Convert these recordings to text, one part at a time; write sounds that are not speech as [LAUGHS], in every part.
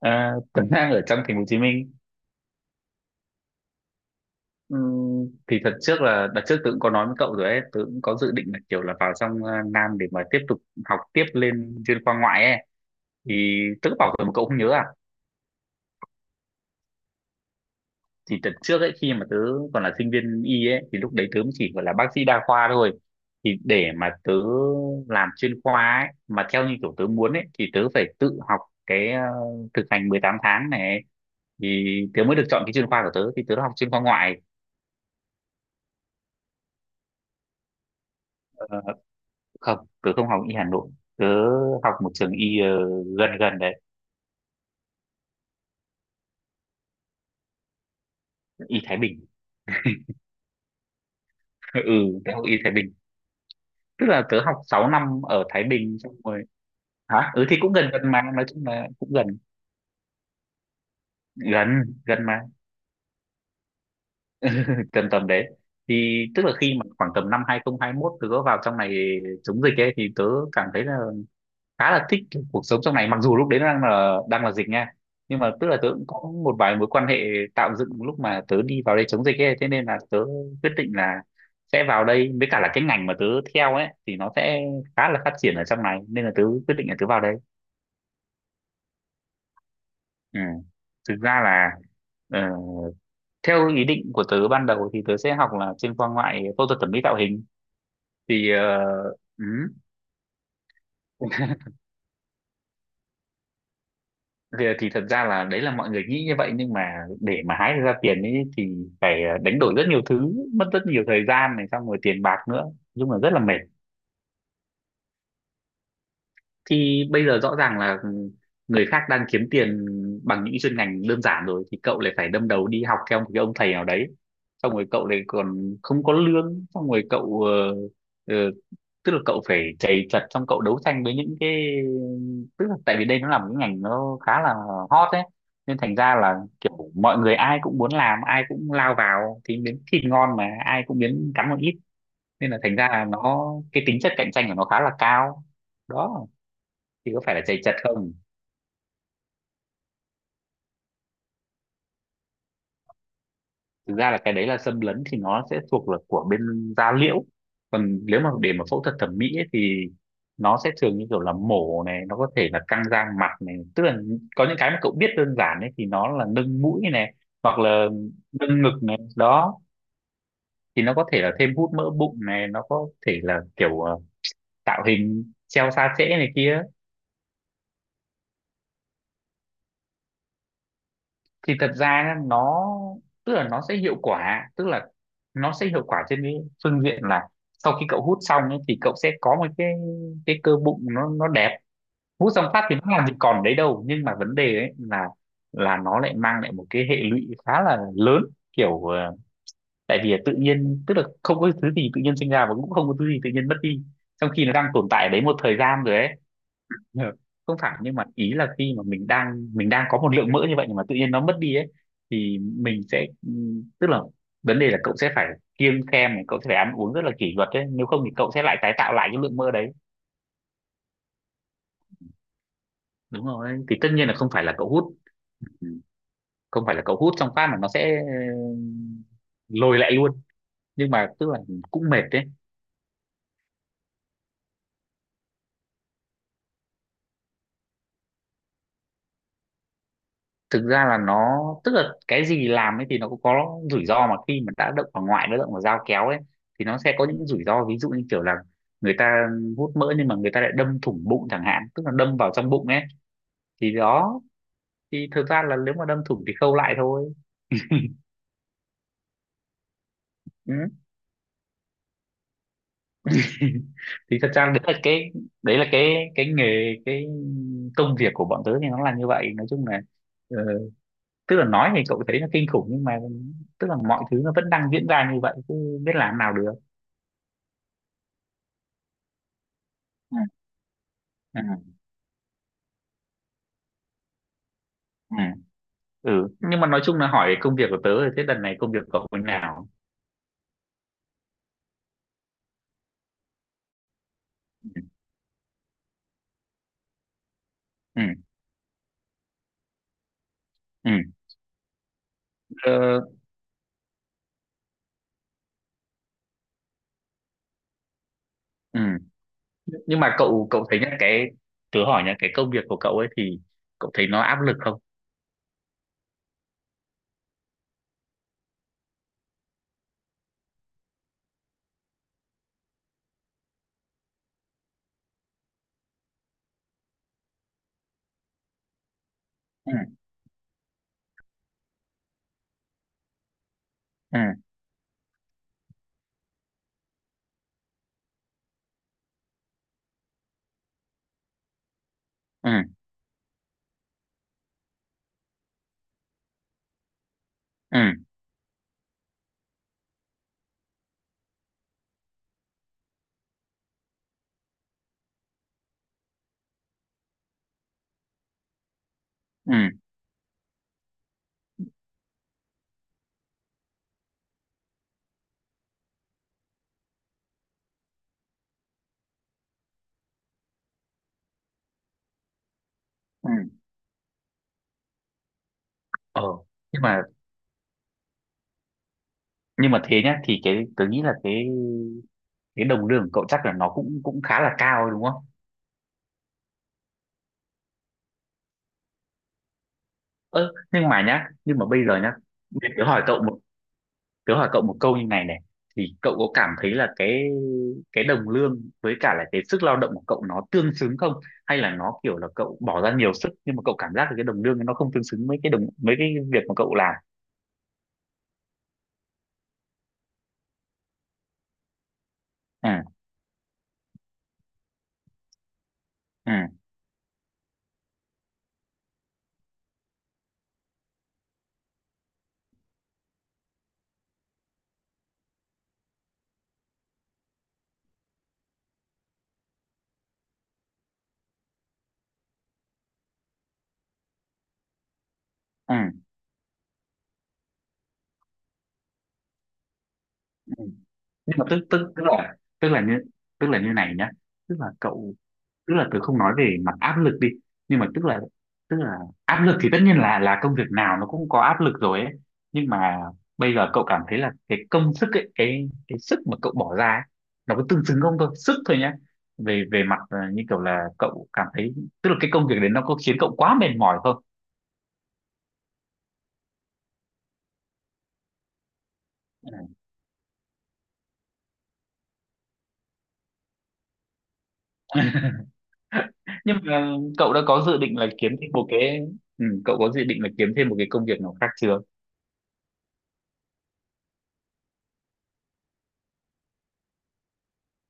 Tuấn đang ở trong thành phố Hồ Chí Minh. Thì thật trước là đợt trước tớ cũng có nói với cậu rồi ấy, tớ cũng có dự định là kiểu là vào trong Nam để mà tiếp tục học tiếp lên chuyên khoa ngoại ấy. Thì tớ cứ bảo rồi mà cậu không nhớ à? Thì đợt trước ấy khi mà tớ còn là sinh viên y ấy, thì lúc đấy tớ mới chỉ gọi là bác sĩ đa khoa thôi. Thì để mà tớ làm chuyên khoa ấy mà theo như kiểu tớ muốn ấy, thì tớ phải tự học cái thực hành 18 tháng này ấy. Thì tớ mới được chọn cái chuyên khoa của tớ, thì tớ đã học chuyên khoa ngoại. ờ, Không, tớ không học y Hà Nội. Tớ học một trường y gần gần đấy. Y Thái Bình. [LAUGHS] Ừ, tớ học y Thái Bình. Tức là tớ học 6 năm ở Thái Bình xong rồi. Hả? Ừ, thì cũng gần gần mà, nói chung là cũng gần. Gần. Gần mà. Tầm tầm đấy. Thì tức là khi mà khoảng tầm năm 2021 tớ có vào trong này chống dịch ấy, thì tớ cảm thấy là khá là thích cái cuộc sống trong này, mặc dù lúc đấy nó đang là dịch nha. Nhưng mà tức là tớ cũng có một vài mối quan hệ tạo dựng lúc mà tớ đi vào đây chống dịch ấy, thế nên là tớ quyết định là sẽ vào đây, với cả là cái ngành mà tớ theo ấy thì nó sẽ khá là phát triển ở trong này, nên là tớ quyết định là tớ vào đây. Ừ. Thực ra là ờ, theo ý định của tớ ban đầu thì tớ sẽ học là chuyên khoa ngoại phẫu thuật thẩm mỹ tạo hình. Thì ừ. Thì thật ra là đấy là mọi người nghĩ như vậy, nhưng mà để mà hái được ra tiền ấy thì phải đánh đổi rất nhiều thứ, mất rất nhiều thời gian này, xong rồi tiền bạc nữa, nói chung là rất là mệt. Thì bây giờ rõ ràng là ừ, người khác đang kiếm tiền bằng những chuyên ngành đơn giản rồi, thì cậu lại phải đâm đầu đi học theo một cái ông thầy nào đấy, xong rồi cậu lại còn không có lương, xong rồi cậu ờ, tức là cậu phải chạy chật trong cậu đấu tranh với những cái, tức là tại vì đây nó là một cái ngành nó khá là hot ấy, nên thành ra là kiểu mọi người ai cũng muốn làm, ai cũng lao vào, thì miếng thịt ngon mà ai cũng miếng cắn một ít. Nên là thành ra là nó cái tính chất cạnh tranh của nó khá là cao. Đó. Thì có phải là chạy chật không. Thực ra là cái đấy là xâm lấn thì nó sẽ thuộc là của bên da liễu. Còn nếu mà để mà phẫu thuật thẩm mỹ ấy, thì nó sẽ thường như kiểu là mổ này, nó có thể là căng da mặt này, tức là có những cái mà cậu biết đơn giản ấy, thì nó là nâng mũi này, hoặc là nâng ngực này đó. Thì nó có thể là thêm hút mỡ bụng này, nó có thể là kiểu tạo hình treo xa trễ này kia. Thì thật ra nhá, nó tức là nó sẽ hiệu quả, tức là nó sẽ hiệu quả trên cái phương diện là sau khi cậu hút xong ấy, thì cậu sẽ có một cái cơ bụng nó đẹp. Hút xong phát thì nó làm gì còn đấy đâu, nhưng mà vấn đề ấy là nó lại mang lại một cái hệ lụy khá là lớn, kiểu tại vì tự nhiên tức là không có thứ gì tự nhiên sinh ra, và cũng không có thứ gì tự nhiên mất đi, trong khi nó đang tồn tại ở đấy một thời gian rồi ấy. Ờ, không phải, nhưng mà ý là khi mà mình đang có một lượng mỡ như vậy, nhưng mà tự nhiên nó mất đi ấy, thì mình sẽ tức là vấn đề là cậu sẽ phải kiêng khem này, cậu sẽ phải ăn uống rất là kỷ luật đấy, nếu không thì cậu sẽ lại tái tạo lại cái lượng mỡ đấy. Đúng rồi, thì tất nhiên là không phải là cậu hút, không phải là cậu hút xong phát mà nó sẽ lồi lại luôn. Nhưng mà tức là cũng mệt đấy. Thực ra là nó tức là cái gì làm ấy thì nó cũng có rủi ro, mà khi mà đã động vào ngoại, đã động vào dao kéo ấy, thì nó sẽ có những rủi ro, ví dụ như kiểu là người ta hút mỡ nhưng mà người ta lại đâm thủng bụng chẳng hạn, tức là đâm vào trong bụng ấy. Thì đó. Thì thực ra là nếu mà đâm thủng thì khâu lại thôi. Ừ. [LAUGHS] Thì thật ra đấy là cái, đấy là cái nghề, cái công việc của bọn tớ thì nó là như vậy, nói chung là ờ, tức là nói thì cậu thấy nó kinh khủng, nhưng mà tức là mọi thứ nó vẫn đang diễn ra như vậy chứ biết làm nào được. Ừ. Ừ. Ừ, nhưng mà nói chung là hỏi công việc của tớ rồi, thế đợt này công việc cậu như nào? Ừ. Ừ. Ừ. Ờ. Ừ, nhưng mà cậu cậu thấy nhá, cái tớ hỏi nhá, cái công việc của cậu ấy thì cậu thấy nó áp lực không? Ừ. Ừ. Ừ. Ừ. Ừ. Ừ. Ờ. Nhưng mà, nhưng mà thế nhá, thì cái tớ nghĩ là cái đồng lương của cậu chắc là nó cũng cũng khá là cao đúng không? Ơ, nhưng mà nhá, nhưng mà bây giờ nhá, bây giờ tớ hỏi cậu một, tớ hỏi cậu một câu như này này, thì cậu có cảm thấy là cái đồng lương với cả là cái sức lao động của cậu nó tương xứng không? Hay là nó kiểu là cậu bỏ ra nhiều sức, nhưng mà cậu cảm giác là cái đồng lương nó không tương xứng với cái đồng với cái việc mà cậu làm. Ừ. Ừ. Ừ. Ừ. Nhưng mà tức tức tức là như, tức là như này nhá, tức là cậu, tức là tớ không nói về mặt áp lực đi, nhưng mà tức là áp lực thì tất nhiên là công việc nào nó cũng có áp lực rồi ấy. Nhưng mà bây giờ cậu cảm thấy là cái công sức ấy, cái sức mà cậu bỏ ra ấy, nó có tương xứng không, thôi sức thôi nhá. Về về mặt như kiểu là cậu cảm thấy tức là cái công việc đấy nó có khiến cậu quá mệt mỏi không? Ừ. Nhưng mà cậu đã có dự định là kiếm thêm một cái, ừ, cậu có dự định là kiếm thêm một cái công việc nào khác chưa?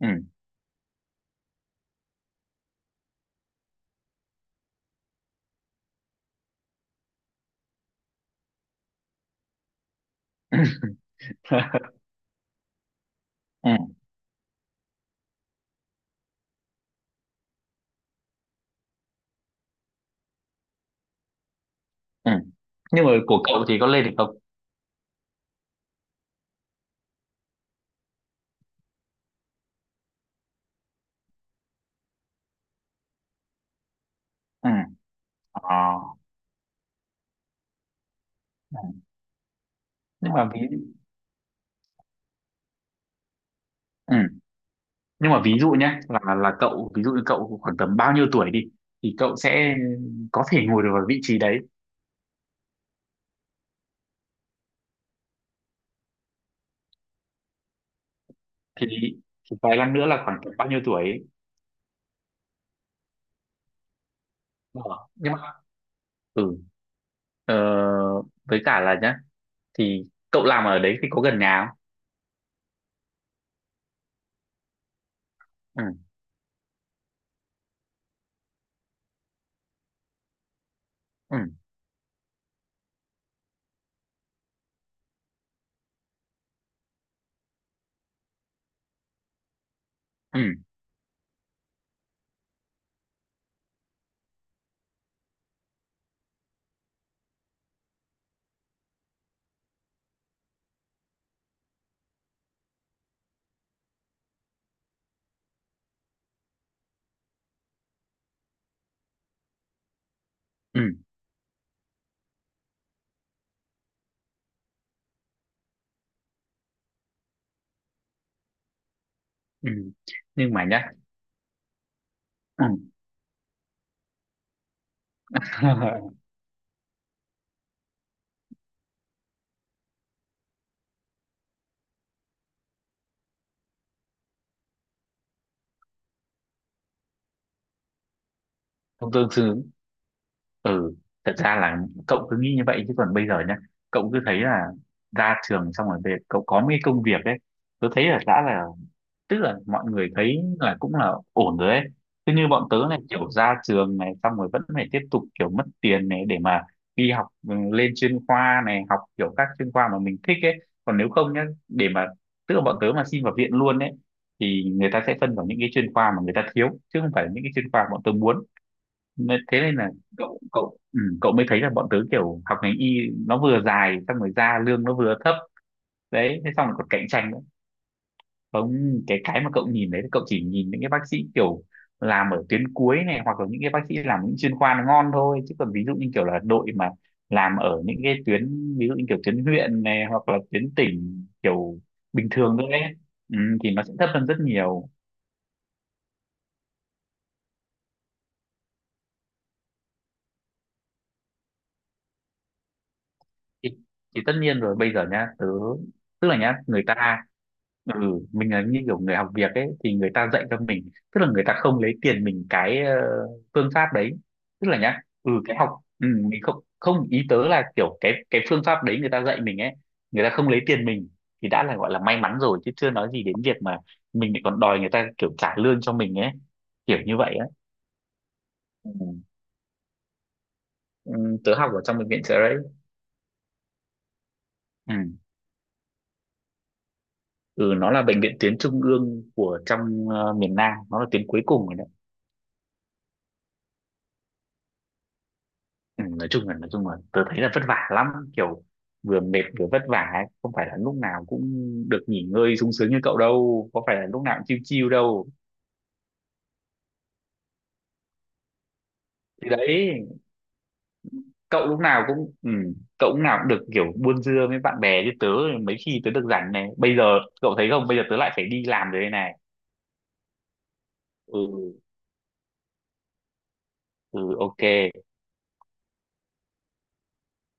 Ừ. [LAUGHS] Ừ. Ừ. Nhưng mà của cậu thì có lên được không? Ừ. Ờ. Nhưng mà ví, ừ, nhưng mà ví dụ nhé là cậu ví dụ như cậu khoảng tầm bao nhiêu tuổi đi thì cậu sẽ có thể ngồi được vào vị trí đấy. thì, thì vài năm nữa là khoảng tầm bao nhiêu tuổi ấy. Ờ, nhưng mà ừ, ờ, với cả là nhá, thì cậu làm ở đấy thì có gần nhà không? Ừ. Ừ. Ừ. Ừ, ừ. Nhưng mà nhá, ừ. [LAUGHS] Không tương xứng. Ừ. Thật ra là cậu cứ nghĩ như vậy, chứ còn bây giờ nhá cậu cứ thấy là ra trường xong rồi về cậu có mấy công việc ấy, tôi thấy là đã là tức là mọi người thấy là cũng là ổn rồi ấy. Thế như bọn tớ này kiểu ra trường này xong rồi vẫn phải tiếp tục kiểu mất tiền này để mà đi học, ừ, lên chuyên khoa này, học kiểu các chuyên khoa mà mình thích ấy. Còn nếu không nhá, để mà tức là bọn tớ mà xin vào viện luôn ấy, thì người ta sẽ phân vào những cái chuyên khoa mà người ta thiếu chứ không phải là những cái chuyên khoa bọn tớ muốn. Nên- thế nên là cậu cậu ừ, cậu mới thấy là bọn tớ kiểu học ngành y, nó vừa dài xong rồi ra lương nó vừa thấp. Đấy, thế xong rồi còn cạnh tranh nữa. Không, cái cái mà cậu nhìn đấy, cậu chỉ nhìn những cái bác sĩ kiểu làm ở tuyến cuối này, hoặc là những cái bác sĩ làm những chuyên khoa nó ngon thôi, chứ còn ví dụ như kiểu là đội mà làm ở những cái tuyến, ví dụ như kiểu tuyến huyện này, hoặc là tuyến tỉnh kiểu bình thường thôi ấy, ừ, thì nó sẽ thấp hơn rất nhiều. thì, thì tất nhiên rồi, bây giờ nhá tớ tức là nhá người ta, ừ, mình là như kiểu người học việc ấy, thì người ta dạy cho mình, tức là người ta không lấy tiền mình cái phương pháp đấy. Tức là nhá, ừ cái học, ừ, mình không không ý tớ là kiểu cái phương pháp đấy người ta dạy mình ấy, người ta không lấy tiền mình thì đã là gọi là may mắn rồi, chứ chưa nói gì đến việc mà mình lại còn đòi người ta kiểu trả lương cho mình ấy, kiểu như vậy á. Ừ. Ừ, tớ học ở trong bệnh viện chợ đấy. Ừ. Ừ, nó là bệnh viện tuyến trung ương của trong miền Nam, nó là tuyến cuối cùng. Ừ, nói chung là tớ thấy là vất vả lắm, kiểu vừa mệt vừa vất vả ấy. Không phải là lúc nào cũng được nghỉ ngơi sung sướng như cậu đâu, có phải là lúc nào cũng chill chill đâu. Thì đấy, cậu lúc nào cũng ừ, cậu lúc nào cũng được kiểu buôn dưa với bạn bè, chứ tớ mấy khi tớ được rảnh này. Bây giờ cậu thấy không, bây giờ tớ lại phải đi làm rồi đây này. Ừ. Ừ, ok.